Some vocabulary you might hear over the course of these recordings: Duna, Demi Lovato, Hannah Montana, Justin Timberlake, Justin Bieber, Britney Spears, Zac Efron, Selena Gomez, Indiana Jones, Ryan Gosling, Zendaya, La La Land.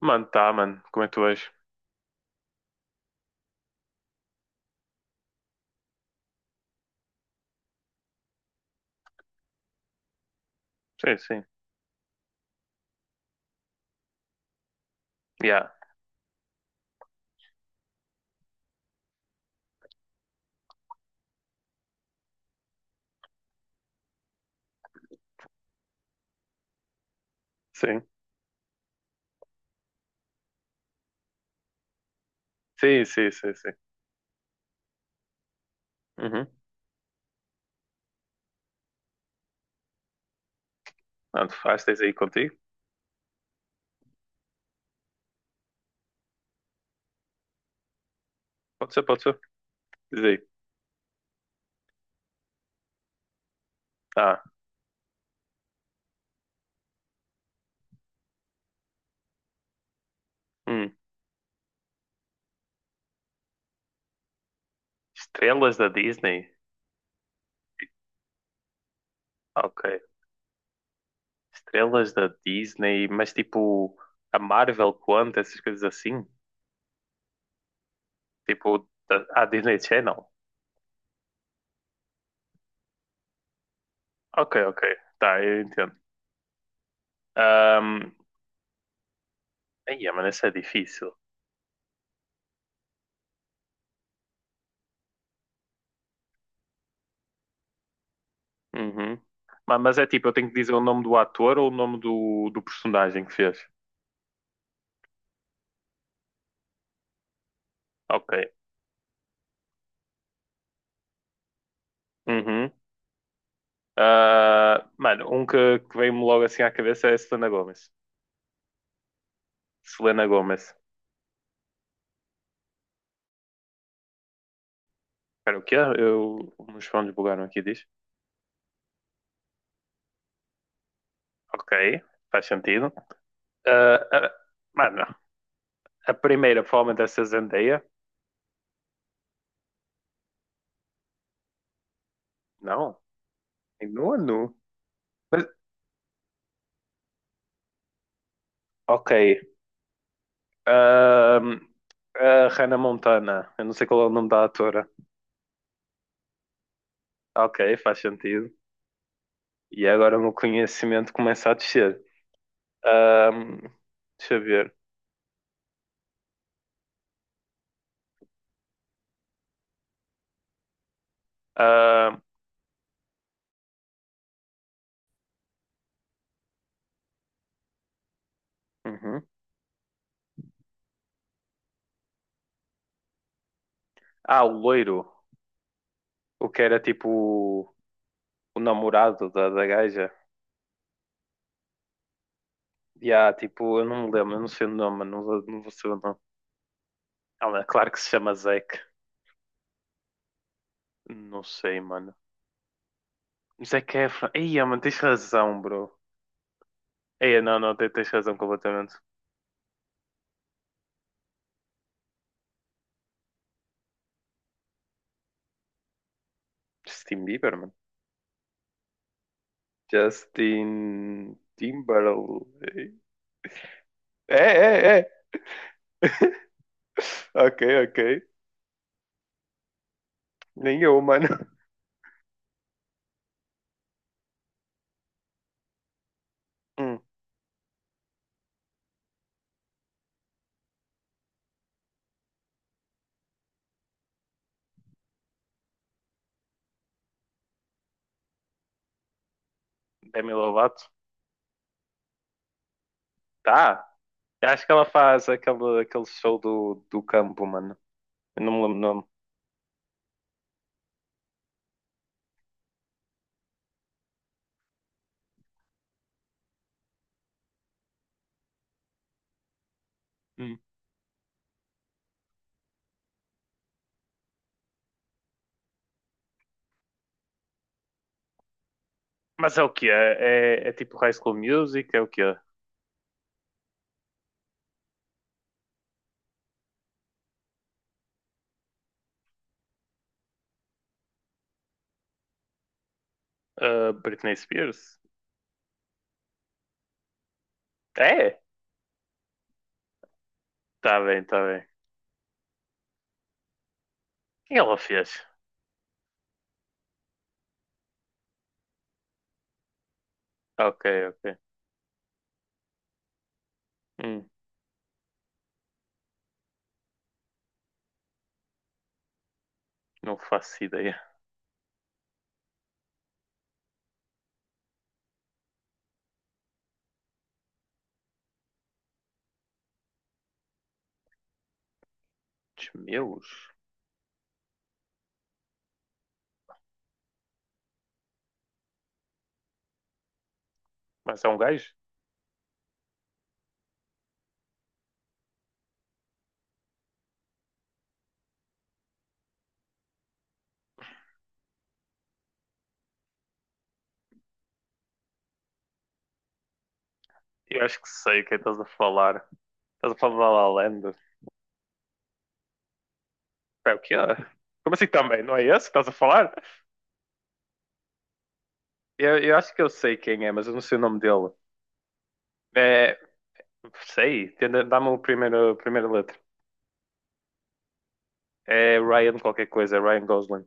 Mano, tá, mano. Como é que tu és? Sim, sim. Yeah. Sim. Sim, sim, sim, sim. Uhum. Mano, faz, tens aí contigo? Pode ser, pode ser. Diz aí. Ah, hum. Estrelas da Disney? Ok. Estrelas da Disney, mas tipo a Marvel quanto, essas coisas assim? Tipo, a Disney Channel? Ok, ok. Tá, eu entendo. Um... Aí, mano, isso é difícil. Uhum. Mas é tipo, eu tenho que dizer o nome do ator ou o nome do personagem que fez? Ok. Uhum. Ah, mano, um que veio-me logo assim à cabeça é a Selena Gomez. Selena Gomez. Espera, o quê? Eu, os fones bugaram aqui, diz. Ok, faz sentido. Ah, ah, mano, a primeira provavelmente deve ser Zendaya. Não, em nono. Mas, ok. Ah, a Hannah Montana. Eu não sei qual é o nome da atora. Ok, faz sentido. E agora o meu conhecimento começa a descer. Ah, deixa eu ver. Ah, uhum. Ah, o loiro. O que era tipo o namorado da gaja. E há tipo, eu não me lembro, eu não sei o nome, mano, não vou saber o nome. Ela, claro que se chama Zac. Não sei, mano. Zac Efron. Ei, mano, tens razão, bro. Ei, não, não, tens razão completamente. Justin Bieber, mano. Justin Timberlake. É. Ok, ok. Nem eu, mano. Hum, Demi Lovato. Tá. Eu acho que ela faz aquele show do campo, mano. Eu não me lembro o nome. Mas é o que é? É tipo High School Music? É o que é? Britney Spears? É? Tá bem, tá bem. E ela fez? Ok, ok. Hum, não faço ideia. Dos meus? Mas é um gajo? Eu acho que sei quem estás a falar. Estás a falar da La La Land? É o que é? Como assim também? Não é esse que estás a falar? Eu acho que eu sei quem é, mas eu não sei o nome dele. É, sei. Dá-me o primeiro, a primeira letra. É Ryan qualquer coisa, é Ryan Gosling.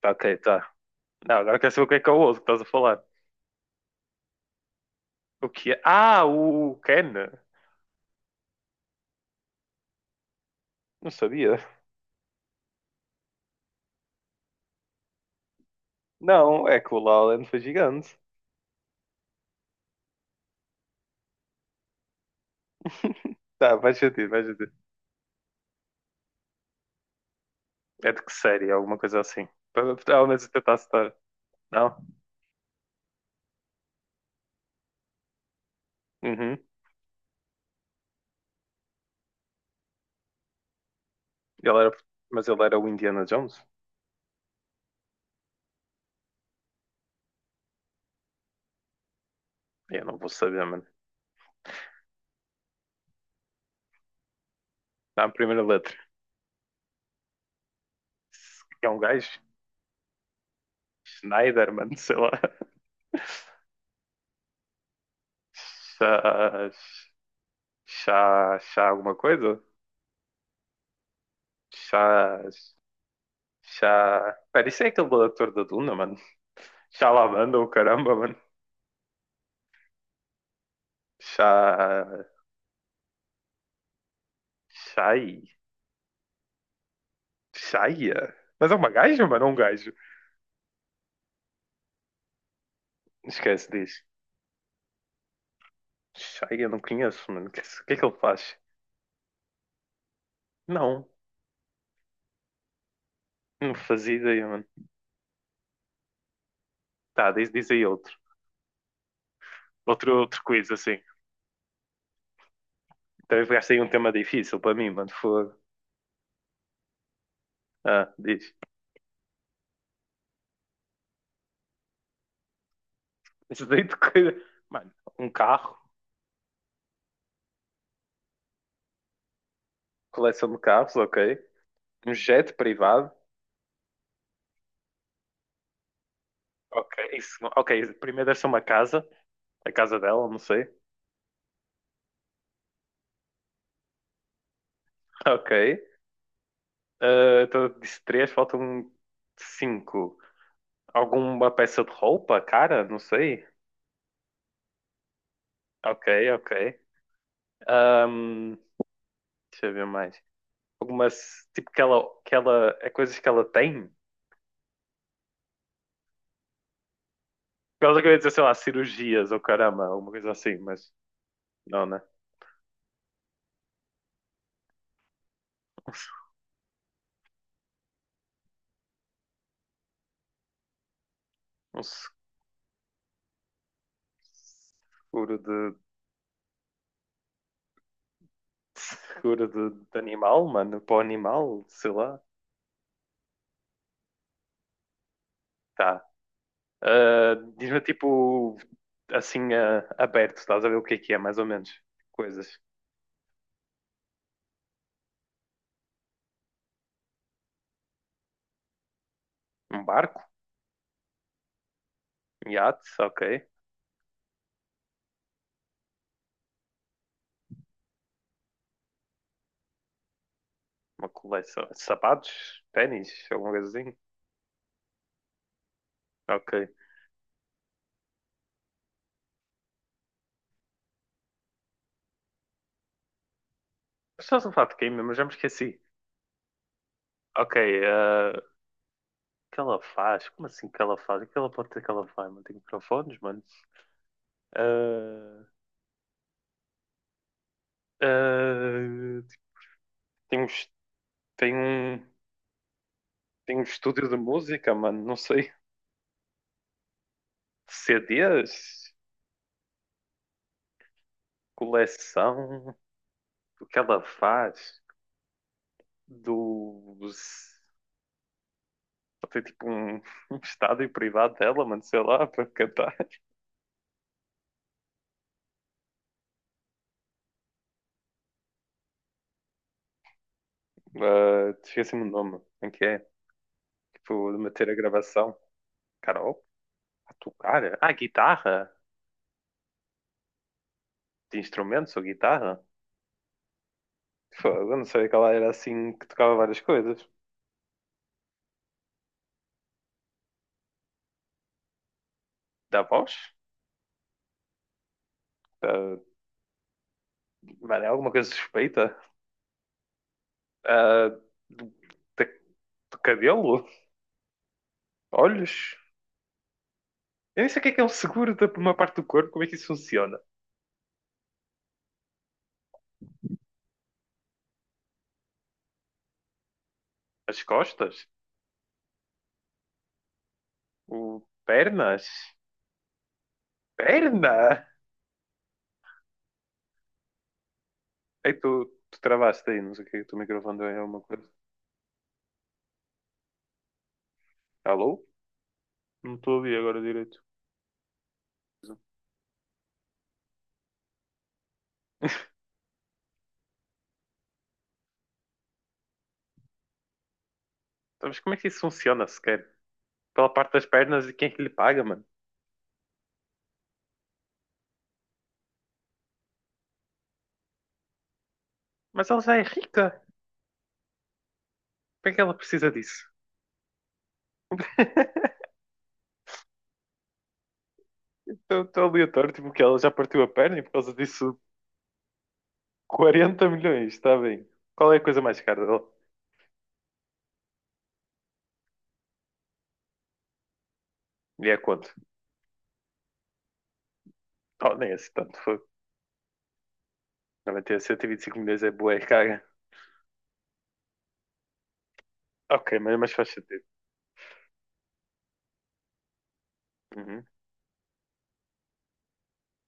Tá, ok, tá. Não, agora quero saber o que é o outro que estás a falar. O que é? Ah, o Ken. Não sabia. Não, é que o Lowland foi gigante. Tá, faz sentido, faz sentido. É de que série? É alguma coisa assim. Ao menos eu tentar citar. Não? Uhum. Ele era... Mas ele era o Indiana Jones? Eu não vou saber, mano. Dá a primeira letra. É um gajo? Schneider, mano, sei lá. Chá... Chá... Chá alguma coisa? Chá... Pera, isso é aquele ator da Duna, mano? Chá ou caramba, mano. Chá. Chai. Chaia? Mas é uma gaja, mano? É um gajo. Esquece disso. Chaia, não conheço, mano. O que, é que é que ele faz? Não. Não fazia ideia, mano. Tá, diz aí outro. Outro quiz, assim. Também pegaste aí um tema difícil para mim, mano. Fogo. Ah, diz. Isso daí de coisa. Mano, um carro. Coleção de carros, ok. Um jet privado. Ok, isso, ok, primeiro deve ser uma casa, a casa dela, não sei. Ok. Ah, então eu tô de três, faltam cinco. Alguma peça de roupa, cara? Não sei. Ok, ok. Ahm, deixa eu ver mais. Algumas, tipo, que ela, é coisas que ela tem? Ela queria dizer, sei lá, cirurgias ou caramba, alguma coisa assim, mas não, né? Um seguro de, seguro de animal, mano, para o animal, sei lá. Tá. Ah, diz-me, tipo, assim, ah, aberto, estás a ver o que é, mais ou menos. Coisas. Um barco? Yates, ok. Uma coleção. Sapatos? Ténis? Alguma coisa assim? Ok. Estás a falar de game, mas já me esqueci. Ok, ah, o que ela faz? Como assim que ela faz? O que ela pode ter que ela faz? Mano, tem microfones, mano. Ah, ah, tem tem um, tem um estúdio de música, mano. Não sei. CDs? Coleção? O que ela faz? Dos. Ela tem tipo um, um estádio privado dela, mano. Sei lá, para cantar. Esqueci-me o nome. Em que é? Tipo, de meter a gravação. Carol? A tocar? Ah, guitarra? De instrumentos ou guitarra? Fogo, eu não sabia que ela era assim que tocava várias coisas. Da voz? Da... Mano, é alguma coisa suspeita? Ah, do, da- do cabelo? Olhos? Eu nem sei o que é um seguro da por uma parte do corpo, como é que isso funciona? As costas? O... Pernas? Perna? Ei, tu travaste aí, não sei o que é que o teu microfone deu aí alguma coisa. Alô? Não estou a ouvir agora direito. Então, mas como é que isso funciona sequer? Pela parte das pernas e quem é que lhe paga, mano? Mas ela já é rica. Por que é que ela precisa disso? Estou aleatório, tipo que ela já partiu a perna e por causa disso 40 milhões, está bem. Qual é a coisa mais cara dela? E é quanto? Oh, nem é assim tanto, foi. Não ter 125 milhões é boa, é caga. Ok, mas faz sentido. Uhum,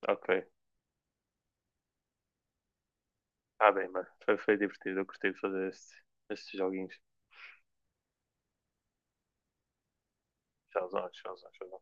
ok. Ah bem, mano. Foi, foi divertido, eu gostei de fazer estes joguinhos. Tchauzão, tchauzão, tchauzão.